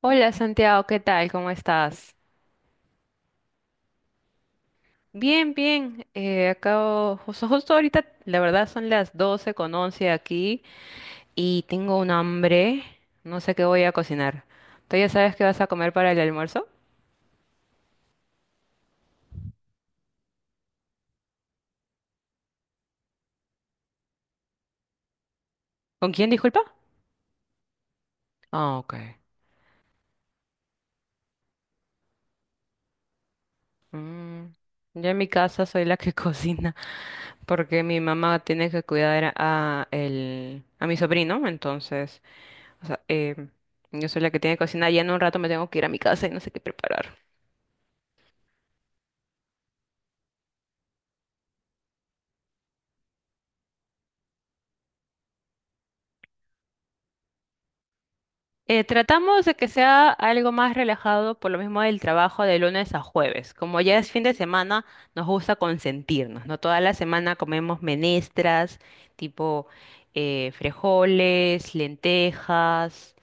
Hola Santiago, ¿qué tal? ¿Cómo estás? Bien, bien. Acabo, justo ahorita, la verdad son las 12 con 11 aquí y tengo un hambre. No sé qué voy a cocinar. ¿Tú ya sabes qué vas a comer para el almuerzo? ¿Con quién, disculpa? Ah, ok. Mm, Yo en mi casa soy la que cocina porque mi mamá tiene que cuidar a, el, a mi sobrino, entonces, o sea, yo soy la que tiene que cocinar. Ya en un rato me tengo que ir a mi casa y no sé qué preparar. Tratamos de que sea algo más relajado por lo mismo del trabajo de lunes a jueves. Como ya es fin de semana, nos gusta consentirnos, ¿no? Toda la semana comemos menestras, tipo frijoles, lentejas.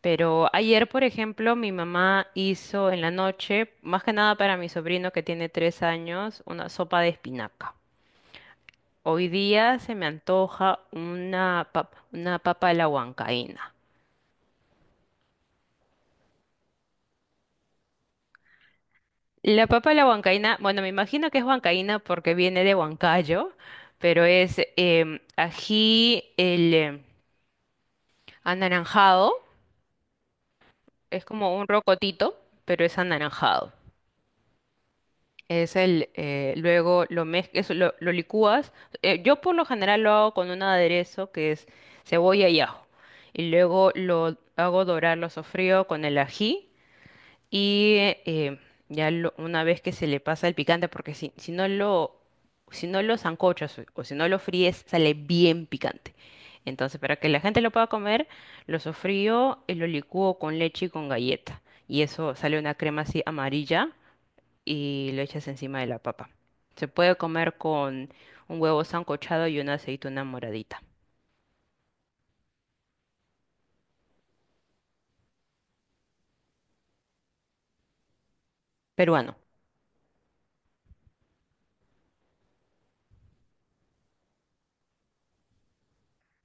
Pero ayer, por ejemplo, mi mamá hizo en la noche, más que nada para mi sobrino que tiene 3 años, una sopa de espinaca. Hoy día se me antoja una una papa a la huancaína. La papa a la huancaína, bueno, me imagino que es huancaína porque viene de Huancayo, pero es ají el anaranjado, es como un rocotito, pero es anaranjado. Es el, luego lo mezclas, lo licúas. Yo por lo general lo hago con un aderezo que es cebolla y ajo. Y luego lo hago dorar, lo sofrío con el ají. Y eh, ya una vez que se le pasa el picante, porque si no lo, si no lo sancochas o si no lo fríes, sale bien picante. Entonces, para que la gente lo pueda comer, lo sofrío y lo licúo con leche y con galleta. Y eso sale una crema así amarilla y lo echas encima de la papa. Se puede comer con un huevo sancochado y una aceituna moradita. Peruano,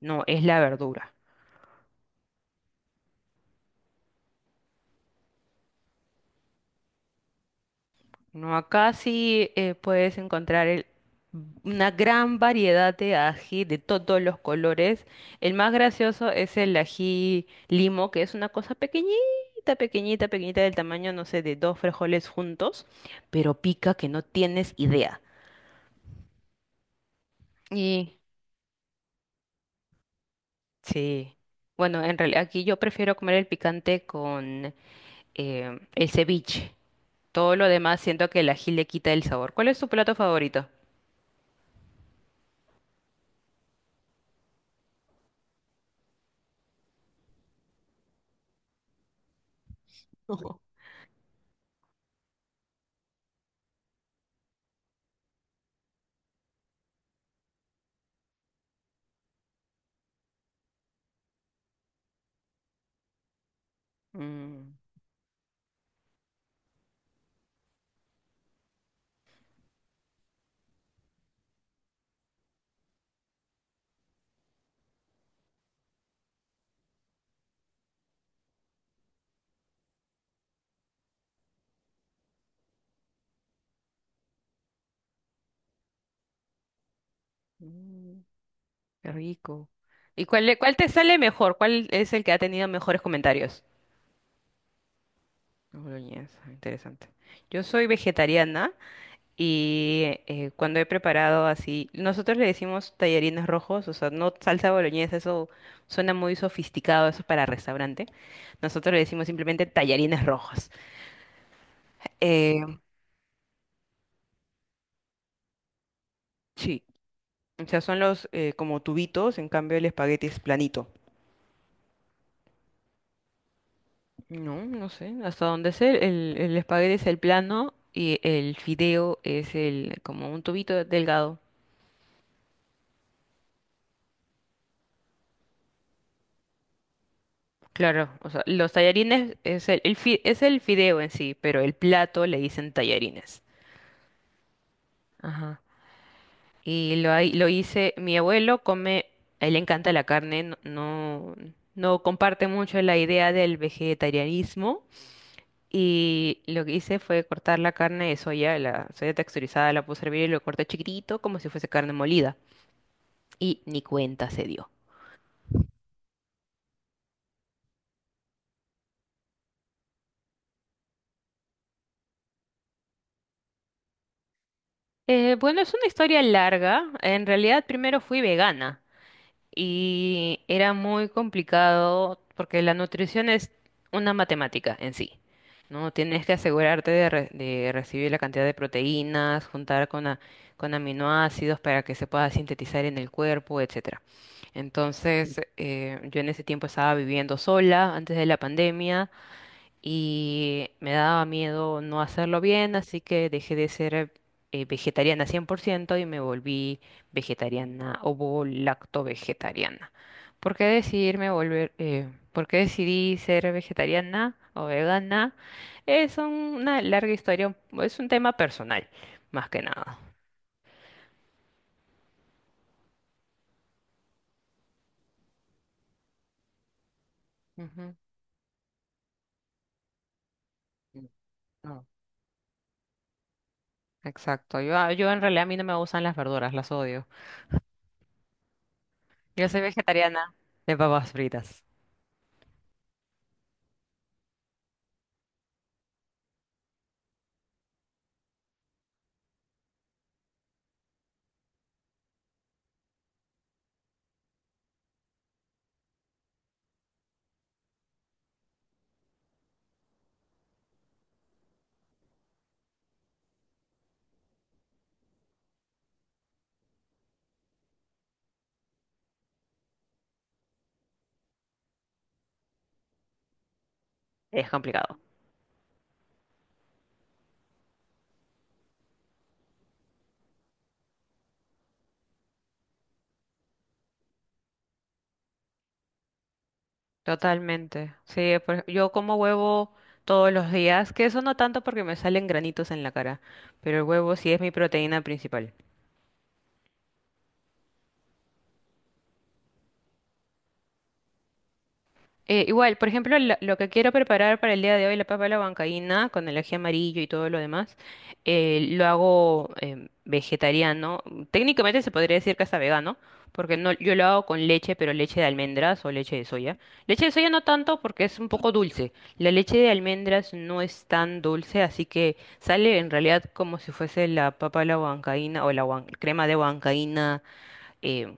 no, es la verdura. No, acá sí puedes encontrar una gran variedad de ají de todos los colores. El más gracioso es el ají limo, que es una cosa pequeñita, pequeñita, pequeñita del tamaño, no sé, de dos frijoles juntos, pero pica que no tienes idea. Y sí, bueno, en realidad aquí yo prefiero comer el picante con el ceviche. Todo lo demás siento que el ají le quita el sabor. ¿Cuál es tu plato favorito? Mm. Mm. Qué rico. ¿Y cuál te sale mejor? ¿Cuál es el que ha tenido mejores comentarios? Boloñesa, interesante. Yo soy vegetariana y cuando he preparado así, nosotros le decimos tallarines rojos, o sea, no salsa boloñesa, eso suena muy sofisticado, eso es para restaurante. Nosotros le decimos simplemente tallarines rojos. Eh, sí, o sea, son los como tubitos, en cambio el espagueti es planito. No, no sé, hasta dónde sé. El espagueti es el plano y el fideo es el como un tubito delgado. Claro, o sea, los tallarines es el, es el fideo en sí, pero el plato le dicen tallarines. Ajá. Y lo, lo hice, mi abuelo come, a él le encanta la carne, no, no, no comparte mucho la idea del vegetarianismo. Y lo que hice fue cortar la carne de soya, la soya texturizada, la puse a hervir y lo corté chiquitito como si fuese carne molida. Y ni cuenta se dio. Bueno, es una historia larga. En realidad, primero fui vegana y era muy complicado porque la nutrición es una matemática en sí, ¿no? Tienes que asegurarte de, de recibir la cantidad de proteínas, juntar con aminoácidos para que se pueda sintetizar en el cuerpo, etcétera. Entonces, yo en ese tiempo estaba viviendo sola antes de la pandemia y me daba miedo no hacerlo bien, así que dejé de ser vegetariana 100% y me volví vegetariana o lacto-vegetariana. ¿Por qué decidirme volver, por qué decidí ser vegetariana o vegana? Es una larga historia, es un tema personal, más que nada. Ujú. Mm, No. Exacto, yo en realidad a mí no me gustan las verduras, las odio. Yo soy vegetariana de papas fritas. Es complicado. Totalmente. Sí, por yo como huevo todos los días, que eso no tanto porque me salen granitos en la cara, pero el huevo sí es mi proteína principal. Igual, por ejemplo, lo que quiero preparar para el día de hoy, la papa a la huancaína, con el ají amarillo y todo lo demás, lo hago vegetariano. Técnicamente se podría decir que hasta vegano, porque no, yo lo hago con leche, pero leche de almendras o leche de soya. Leche de soya no tanto porque es un poco dulce. La leche de almendras no es tan dulce, así que sale en realidad como si fuese la papa a la huancaína o la crema de huancaína em,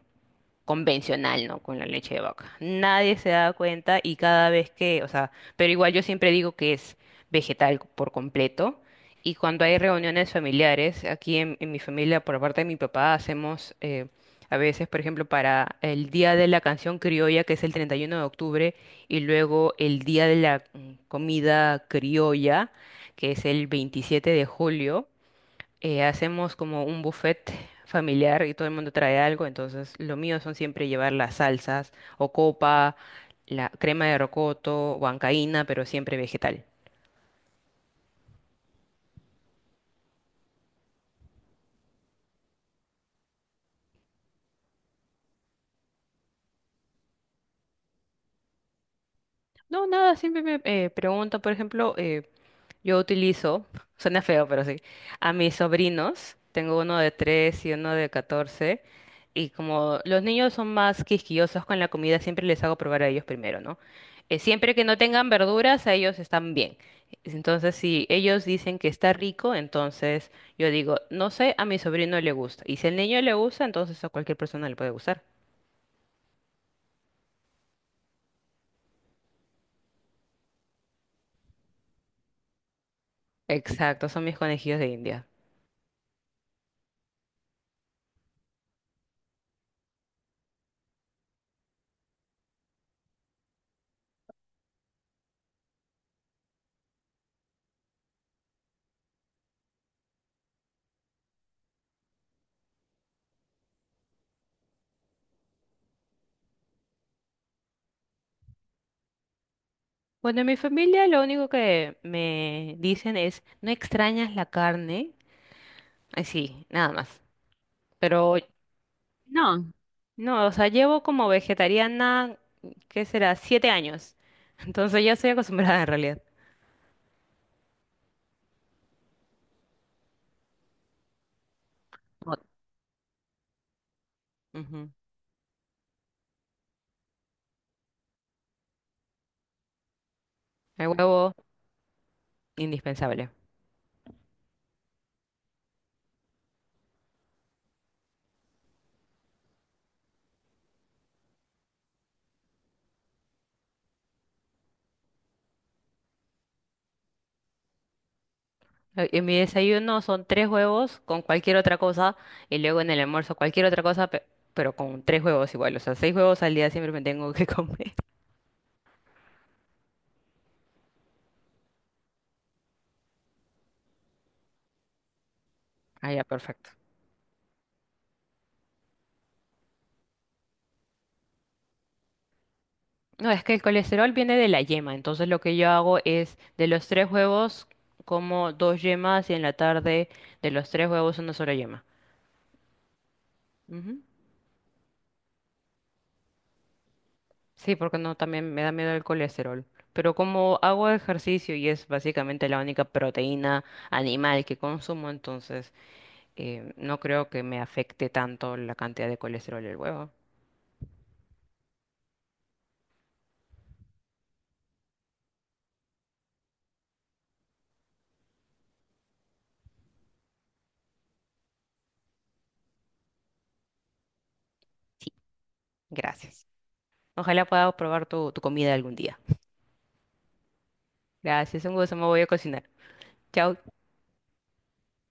convencional, ¿no? Con la leche de vaca. Nadie se da cuenta y cada vez que, o sea, pero igual yo siempre digo que es vegetal por completo. Y cuando hay reuniones familiares, aquí en mi familia, por parte de mi papá, hacemos a veces, por ejemplo, para el Día de la Canción Criolla, que es el 31 de octubre, y luego el Día de la Comida Criolla, que es el 27 de julio. Hacemos como un buffet familiar y todo el mundo trae algo, entonces lo mío son siempre llevar las salsas o copa, la crema de rocoto, huancaína, pero siempre vegetal. No, nada, siempre me preguntan, por ejemplo, yo utilizo, suena feo, pero sí, a mis sobrinos, tengo uno de 3 y uno de catorce, y como los niños son más quisquillosos con la comida, siempre les hago probar a ellos primero, ¿no? Siempre que no tengan verduras, a ellos están bien. Entonces, si ellos dicen que está rico, entonces yo digo, no sé, a mi sobrino le gusta. Y si al niño le gusta, entonces a cualquier persona le puede gustar. Exacto, son mis conejillos de India. Bueno, en mi familia lo único que me dicen es, ¿no extrañas la carne? Ay, sí, nada más. Pero no. No, o sea, llevo como vegetariana, ¿qué será? 7 años. Entonces ya estoy acostumbrada en realidad. No. Ujú. El huevo, indispensable. En mi desayuno son 3 huevos con cualquier otra cosa y luego en el almuerzo cualquier otra cosa, pero con 3 huevos igual. O sea, 6 huevos al día siempre me tengo que comer. Ah, ya, perfecto. No, es que el colesterol viene de la yema, entonces lo que yo hago es de los 3 huevos como 2 yemas y en la tarde de los 3 huevos una sola yema. Ujú. Sí, porque no, también me da miedo el colesterol. Pero como hago ejercicio y es básicamente la única proteína animal que consumo, entonces no creo que me afecte tanto la cantidad de colesterol del huevo. Sí, gracias. Ojalá pueda probar tu comida algún día. Gracias, un gusto, me voy a cocinar. Chao.